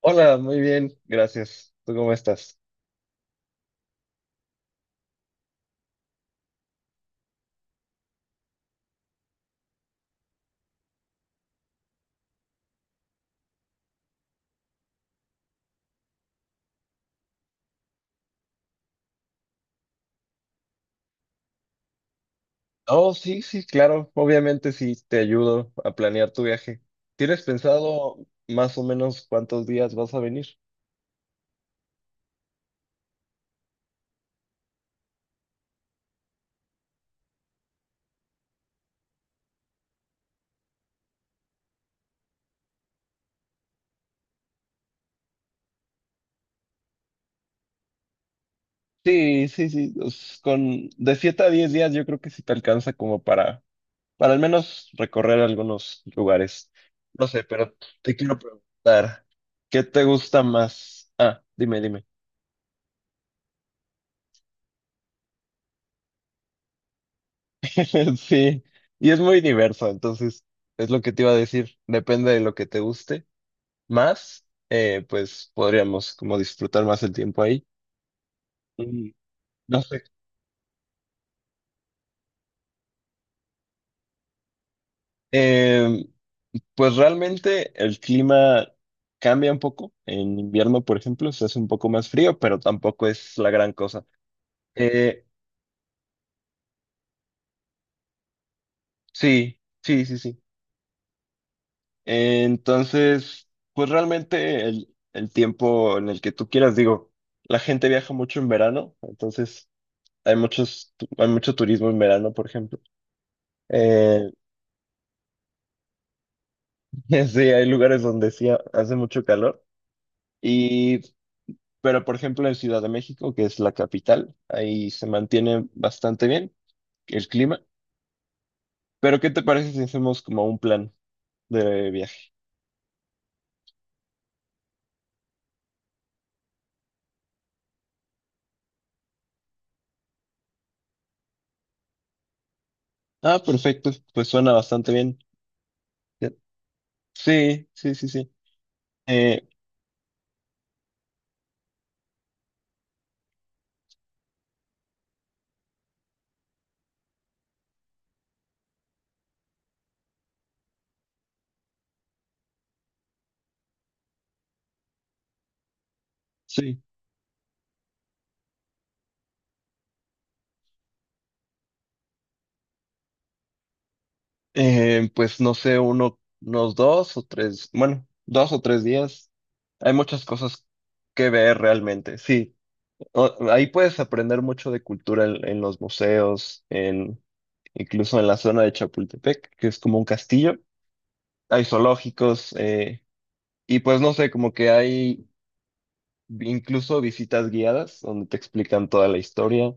Hola, muy bien, gracias. ¿Tú cómo estás? Oh, sí, sí, claro. Obviamente sí, te ayudo a planear tu viaje. ¿Tienes pensado más o menos cuántos días vas a venir? Sí, sí, sí. Pues, con de 7 a 10 días yo creo que sí te alcanza como para al menos recorrer algunos lugares. No sé, pero te quiero preguntar, ¿qué te gusta más? Ah, dime, dime. Sí, y es muy diverso, entonces es lo que te iba a decir. Depende de lo que te guste más, pues podríamos como disfrutar más el tiempo ahí. Mm, no sé. Eh, pues realmente el clima cambia un poco. En invierno, por ejemplo, se hace un poco más frío, pero tampoco es la gran cosa. Eh, sí, sí, sí, sí. Entonces, pues realmente el tiempo en el que tú quieras, digo, la gente viaja mucho en verano, entonces hay mucho turismo en verano, por ejemplo. Eh, Sí, hay lugares donde sí hace mucho calor. Y, pero por ejemplo en Ciudad de México, que es la capital, ahí se mantiene bastante bien el clima. Pero ¿qué te parece si hacemos como un plan de viaje? Ah, perfecto, pues suena bastante bien. Sí, sí, sí, sí. Eh, sí, pues no sé, unos dos o tres, bueno, 2 o 3 días. Hay muchas cosas que ver realmente. Sí, ahí puedes aprender mucho de cultura en los museos, incluso en la zona de Chapultepec, que es como un castillo. Hay zoológicos, y pues no sé, como que hay incluso visitas guiadas donde te explican toda la historia.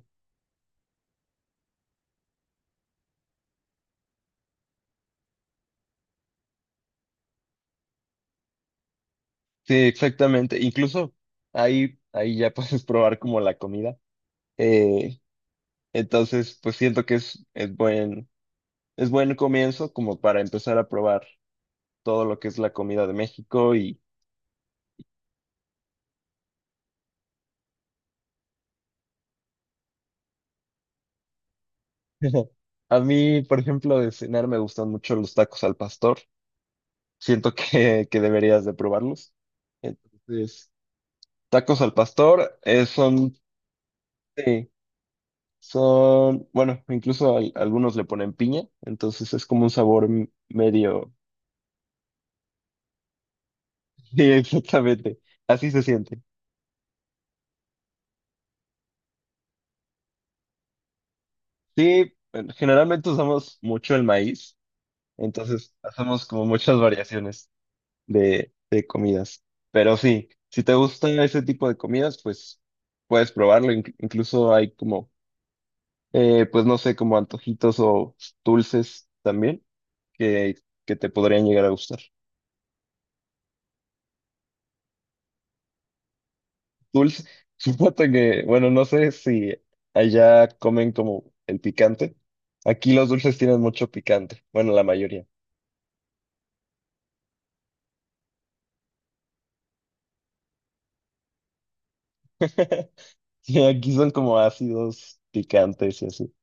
Sí, exactamente. Incluso ahí ya puedes probar como la comida. Eh, entonces, pues siento que es buen comienzo como para empezar a probar todo lo que es la comida de México. A mí, por ejemplo, de cenar me gustan mucho los tacos al pastor. Siento que deberías de probarlos. Entonces, tacos al pastor, son, sí, bueno, incluso algunos le ponen piña, entonces es como un sabor medio. Sí, exactamente, así se siente. Sí, generalmente usamos mucho el maíz, entonces hacemos como muchas variaciones de comidas. Pero sí, si te gusta ese tipo de comidas, pues puedes probarlo. Incluso hay como, pues no sé, como antojitos o dulces también que, que te podrían llegar a gustar. Dulce, supongo que, bueno, no sé si allá comen como el picante. Aquí los dulces tienen mucho picante, bueno, la mayoría. Sí, aquí son como ácidos picantes y así.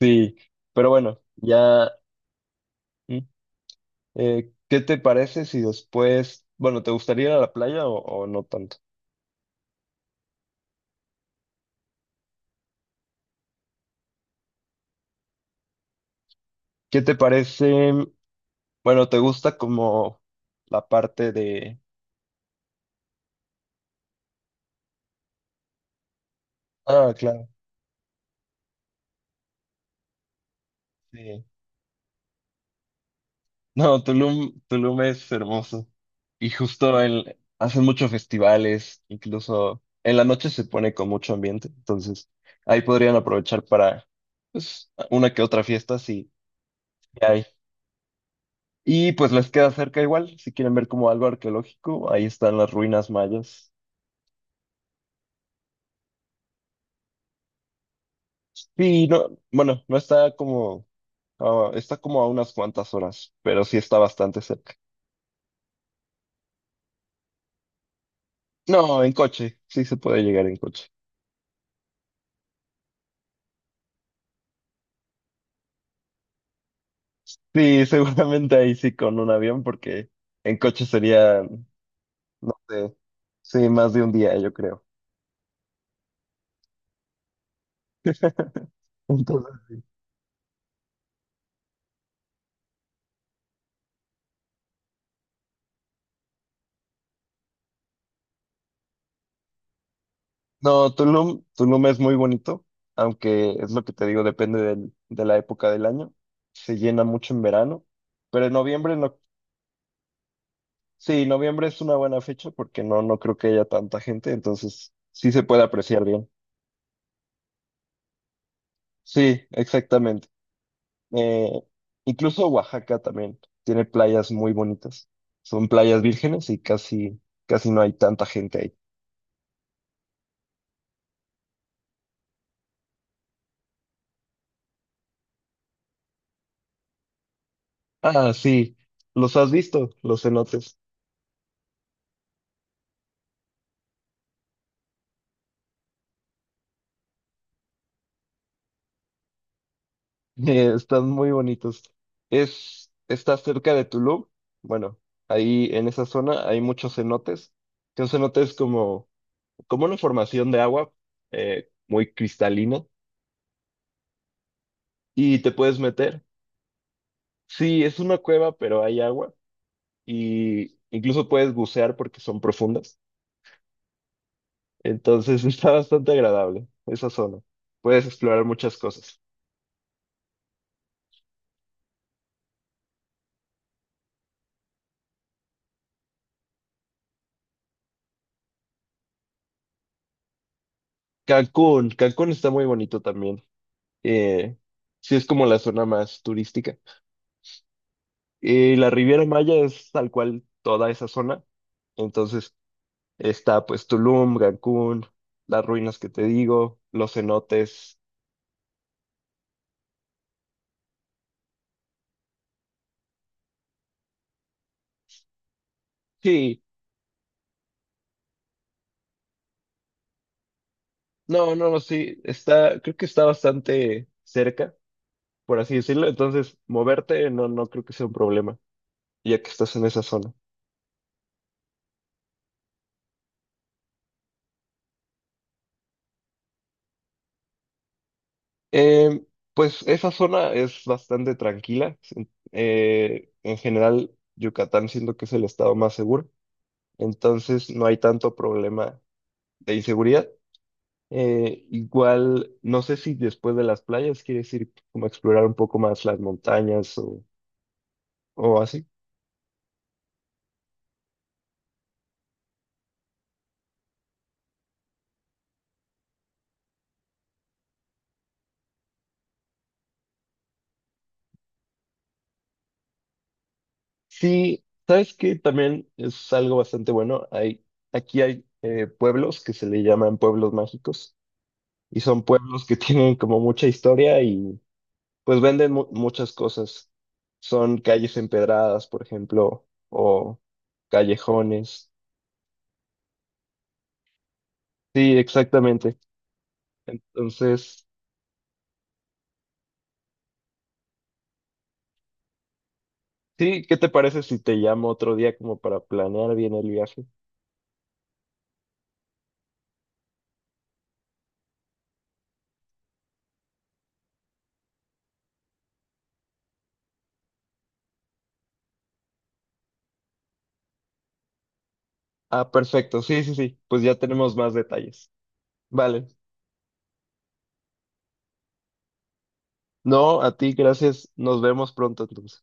Sí, pero bueno, ya. mm, ¿Qué te parece si después, bueno, te gustaría ir a la playa o no tanto? ¿Qué te parece, bueno, te gusta como la parte de. Ah, claro, sí. No, Tulum, Tulum es hermoso. Y justo hacen muchos festivales, incluso en la noche se pone con mucho ambiente, entonces ahí podrían aprovechar para, pues, una que otra fiesta si hay. Y pues les queda cerca igual, si quieren ver como algo arqueológico, ahí están las ruinas mayas. Sí, no, bueno, no está como, está como a unas cuantas horas, pero sí está bastante cerca. No, en coche, sí se puede llegar en coche. Sí, seguramente ahí sí con un avión, porque en coche sería, no sé, sí, más de un día, yo creo. Entonces, no, Tulum, Tulum es muy bonito, aunque es lo que te digo, depende de la época del año. Se llena mucho en verano, pero en noviembre no. Sí, noviembre es una buena fecha porque no, no creo que haya tanta gente, entonces sí se puede apreciar bien. Sí, exactamente. Eh, Incluso Oaxaca también tiene playas muy bonitas. Son playas vírgenes y casi, casi no hay tanta gente ahí. Ah, sí, los has visto, los cenotes. Están muy bonitos. Está cerca de Tulum. Bueno, ahí en esa zona hay muchos cenotes. Que un cenote es como una formación de agua, muy cristalina, y te puedes meter. Sí, es una cueva, pero hay agua y incluso puedes bucear porque son profundas. Entonces está bastante agradable esa zona. Puedes explorar muchas cosas. Cancún, Cancún está muy bonito también. Eh, sí, es como la zona más turística. Y la Riviera Maya es tal cual toda esa zona. Entonces está pues Tulum, Cancún, las ruinas que te digo, los cenotes. Sí, no, no, sí, está, creo que está bastante cerca, por así decirlo, entonces moverte no, no creo que sea un problema, ya que estás en esa zona. Em, pues esa zona es bastante tranquila, en general Yucatán siento que es el estado más seguro, entonces no hay tanto problema de inseguridad. Igual, no sé si después de las playas quieres ir como a explorar un poco más las montañas o así. Sí, sabes que también es algo bastante bueno. Aquí hay pueblos que se le llaman pueblos mágicos y son pueblos que tienen como mucha historia y pues venden muchas cosas. Son calles empedradas, por ejemplo, o callejones. Sí, exactamente. Entonces, sí, ¿qué te parece si te llamo otro día como para planear bien el viaje? Ah, perfecto. Sí, sí, sí. Pues ya tenemos más detalles. Vale. No, a ti, gracias. Nos vemos pronto, entonces.